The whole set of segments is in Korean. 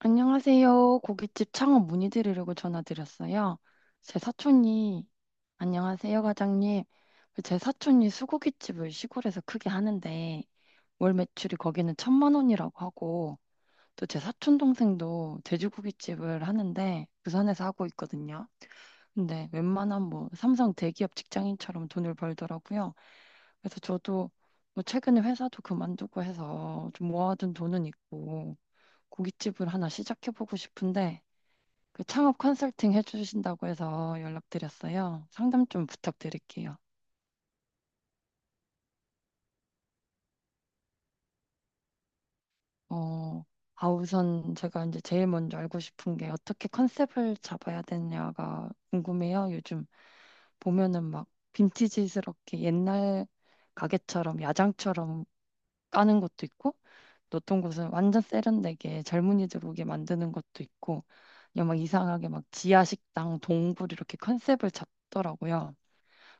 안녕하세요. 고깃집 창업 문의드리려고 전화드렸어요. 제 사촌이, 안녕하세요, 과장님. 제 사촌이 수고깃집을 시골에서 크게 하는데, 월 매출이 거기는 천만 원이라고 하고, 또 제 사촌 동생도 돼지고깃집을 하는데, 부산에서 하고 있거든요. 근데 웬만한 뭐 삼성 대기업 직장인처럼 돈을 벌더라고요. 그래서 저도 뭐 최근에 회사도 그만두고 해서 좀 모아둔 돈은 있고, 고깃집을 하나 시작해보고 싶은데, 그 창업 컨설팅 해주신다고 해서 연락드렸어요. 상담 좀 부탁드릴게요. 어, 아, 우선 제가 이제 제일 먼저 알고 싶은 게 어떻게 컨셉을 잡아야 되냐가 궁금해요. 요즘 보면은 막 빈티지스럽게 옛날 가게처럼 야장처럼 까는 것도 있고, 또 어떤 곳은 완전 세련되게 젊은이들 오게 만드는 것도 있고, 그냥 막 이상하게 막 지하 식당, 동굴 이렇게 컨셉을 잡더라고요.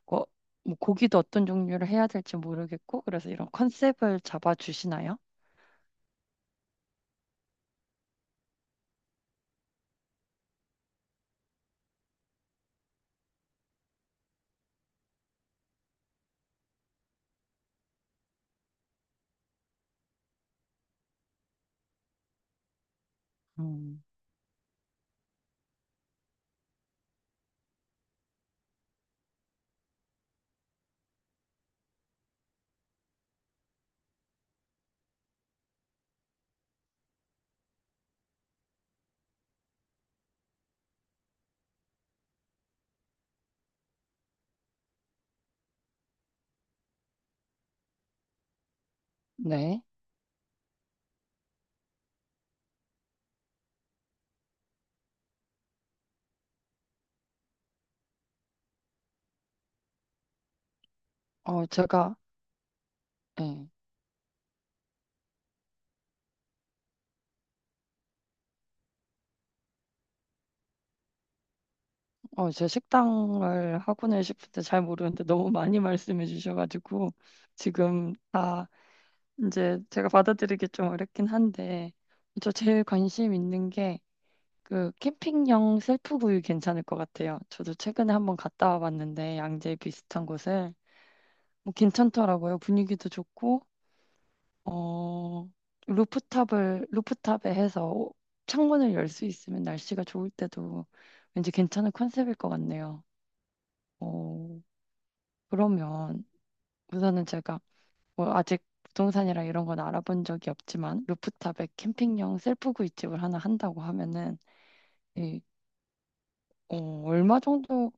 거, 뭐 고기도 어떤 종류를 해야 될지 모르겠고, 그래서 이런 컨셉을 잡아주시나요? 음, 네. 어, 예. 어, 제 식당을 하고는 싶은데 잘 모르는데 너무 많이 말씀해 주셔가지고, 지금 다 이제 제가 받아들이기 좀 어렵긴 한데, 저 제일 관심 있는 게, 그 캠핑용 셀프구이 괜찮을 것 같아요. 저도 최근에 한번 갔다 와봤는데 양재 비슷한 곳을 뭐 괜찮더라고요. 분위기도 좋고 어, 루프탑에 해서 창문을 열 수 있으면 날씨가 좋을 때도 왠지 괜찮은 컨셉일 것 같네요. 어, 그러면 우선은 제가 뭐 아직 부동산이랑 이런 건 알아본 적이 없지만 루프탑에 캠핑용 셀프 구이집을 하나 한다고 하면은 이, 어, 얼마 정도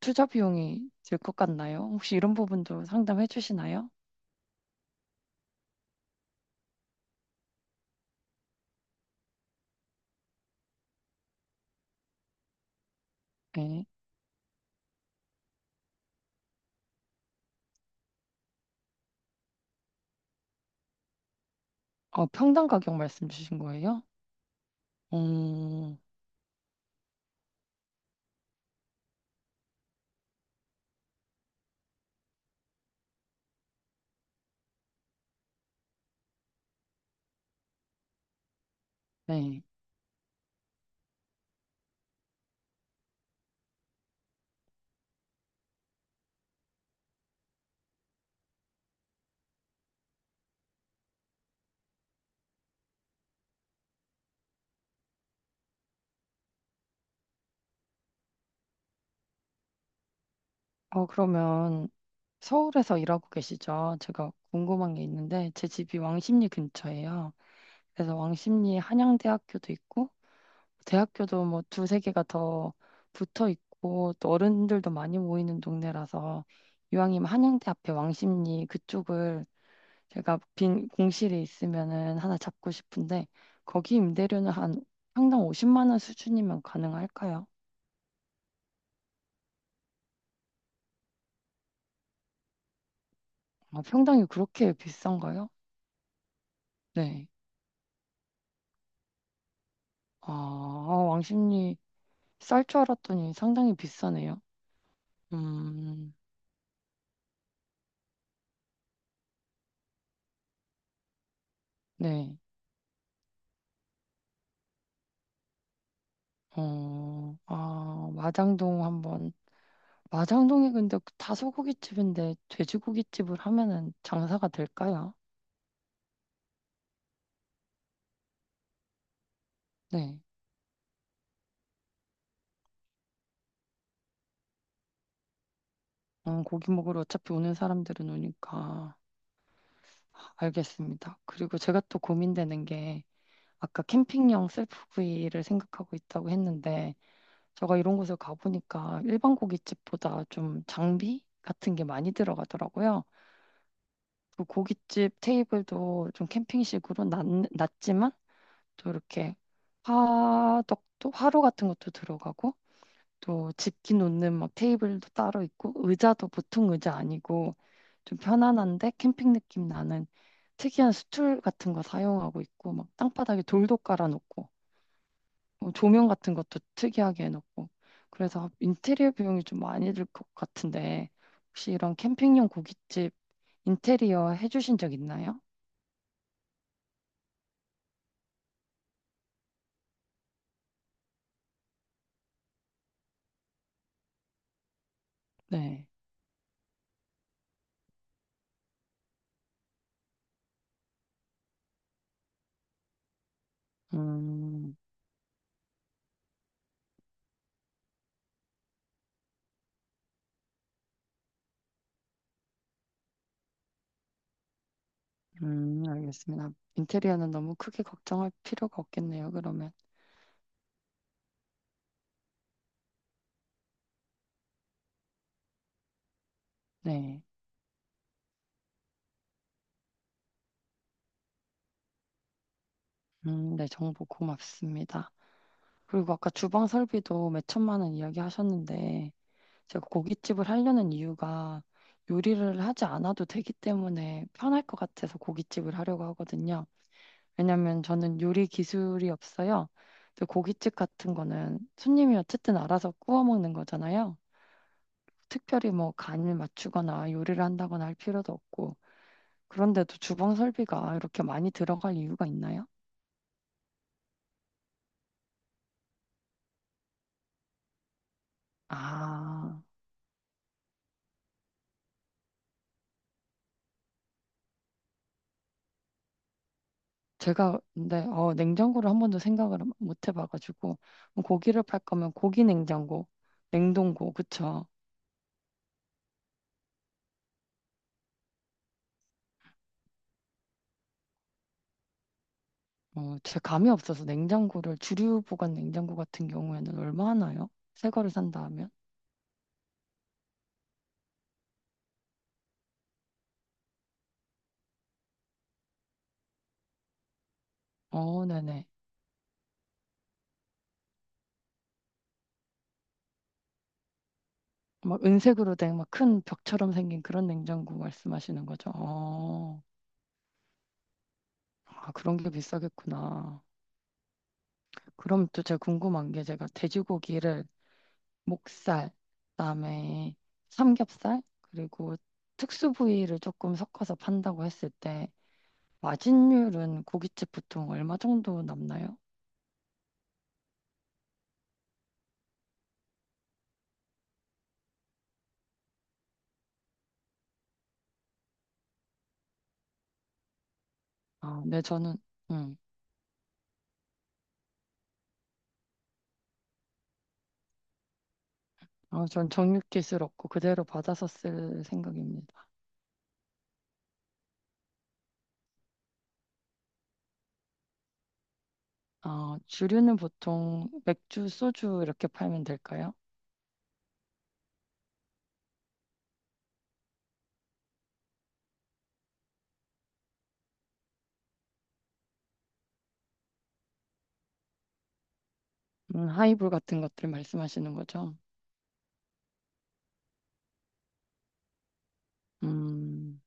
투자 비용이 들 것 같나요? 혹시 이런 부분도 상담해 주시나요? 네. 평당 가격 말씀 주신 거예요? 음, 네. 그러면 서울에서 일하고 계시죠? 제가 궁금한 게 있는데, 제 집이 왕십리 근처예요. 그래서 왕십리에 한양대학교도 있고, 대학교도 뭐 두세 개가 더 붙어 있고, 또 어른들도 많이 모이는 동네라서, 이왕이면 한양대 앞에 왕십리 그쪽을 제가 빈 공실이 있으면은 하나 잡고 싶은데, 거기 임대료는 한 평당 50만 원 수준이면 가능할까요? 아, 평당이 그렇게 비싼가요? 네. 아, 왕십리 쌀 줄 알았더니 상당히 비싸네요. 음, 네. 아, 마장동 한번. 마장동이 근데 다 소고기집인데 돼지고기집을 하면은 장사가 될까요? 네. 고기 먹으러 어차피 오는 사람들은 오니까. 알겠습니다. 그리고 제가 또 고민되는 게 아까 캠핑용 셀프구이를 생각하고 있다고 했는데 제가 이런 곳을 가보니까 일반 고깃집보다 좀 장비 같은 게 많이 들어가더라고요. 그 고깃집 테이블도 좀 캠핑식으로 낮지만 또 이렇게 화덕도 화로 같은 것도 들어가고 또 집기 놓는 막 테이블도 따로 있고 의자도 보통 의자 아니고 좀 편안한데 캠핑 느낌 나는 특이한 스툴 같은 거 사용하고 있고 막 땅바닥에 돌도 깔아놓고 조명 같은 것도 특이하게 해놓고 그래서 인테리어 비용이 좀 많이 들 것 같은데 혹시 이런 캠핑용 고깃집 인테리어 해주신 적 있나요? 네. 음, 알겠습니다. 인테리어는 너무 크게 걱정할 필요가 없겠네요, 그러면. 네. 네, 정보 고맙습니다. 그리고 아까 주방 설비도 몇 천만 원 이야기 하셨는데, 제가 고깃집을 하려는 이유가 요리를 하지 않아도 되기 때문에 편할 것 같아서 고깃집을 하려고 하거든요. 왜냐면 저는 요리 기술이 없어요. 또 고깃집 같은 거는 손님이 어쨌든 알아서 구워 먹는 거잖아요. 특별히 뭐 간을 맞추거나 요리를 한다거나 할 필요도 없고, 그런데도 주방 설비가 이렇게 많이 들어갈 이유가 있나요? 아, 제가 근데 냉장고를 한 번도 생각을 못 해봐가지고 뭐 고기를 팔 거면 고기 냉장고, 냉동고, 그쵸? 제 감이 없어서 냉장고를 주류 보관 냉장고 같은 경우에는 얼마 하나요? 새 거를 산다 하면? 네네. 막 은색으로 된 막 큰 벽처럼 생긴 그런 냉장고 말씀하시는 거죠? 아, 그런 게 비싸겠구나. 그럼 또 제가 궁금한 게 제가 돼지고기를 목살, 그다음에 삼겹살, 그리고 특수 부위를 조금 섞어서 판다고 했을 때 마진율은 고깃집 보통 얼마 정도 남나요? 아, 네, 음, 전 정육기술 없고 그대로 받아서 쓸 생각입니다. 아, 주류는 보통 맥주, 소주 이렇게 팔면 될까요? 하이볼 같은 것들 말씀하시는 거죠? 음,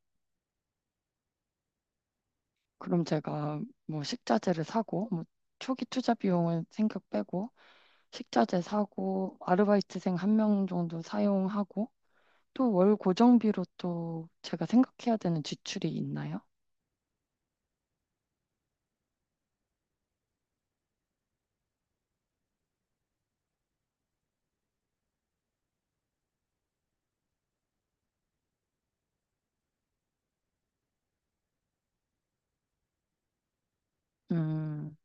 그럼 제가 뭐 식자재를 사고 뭐 초기 투자 비용은 생각 빼고 식자재 사고 아르바이트생 한 명 정도 사용하고 또 월 고정비로 또 제가 생각해야 되는 지출이 있나요? 음,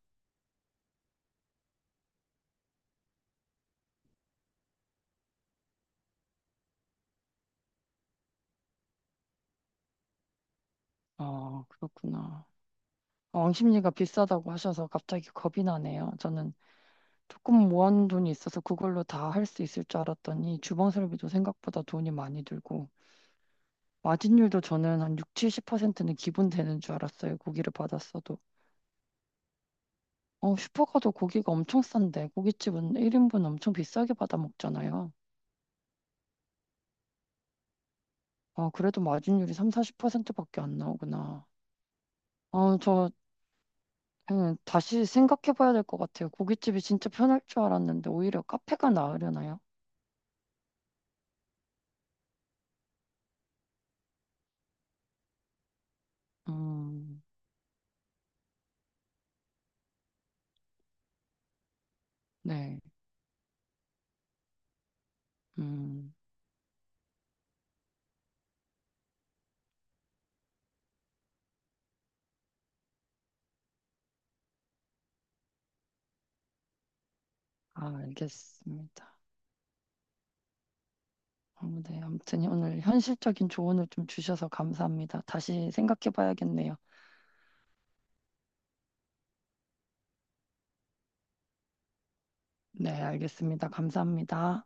아, 그렇구나. 아, 옹심리가 비싸다고 하셔서 갑자기 겁이 나네요. 저는 조금 모아놓은 돈이 있어서 그걸로 다 할 수 있을 줄 알았더니 주방설비도 생각보다 돈이 많이 들고 마진율도 저는 한 6, 70%는 기본 되는 줄 알았어요. 고기를 받았어도. 슈퍼 가도 고기가 엄청 싼데 고깃집은 1인분 엄청 비싸게 받아 먹잖아요. 아, 그래도 마진율이 3, 40%밖에 안 나오구나. 아, 저 그냥 다시 생각해 봐야 될 것 같아요. 고깃집이 진짜 편할 줄 알았는데 오히려 카페가 나으려나요? 음, 네. 음, 아, 알겠습니다. 아, 네, 아무튼 오늘 현실적인 조언을 좀 주셔서 감사합니다. 다시 생각해 봐야겠네요. 네, 알겠습니다. 감사합니다.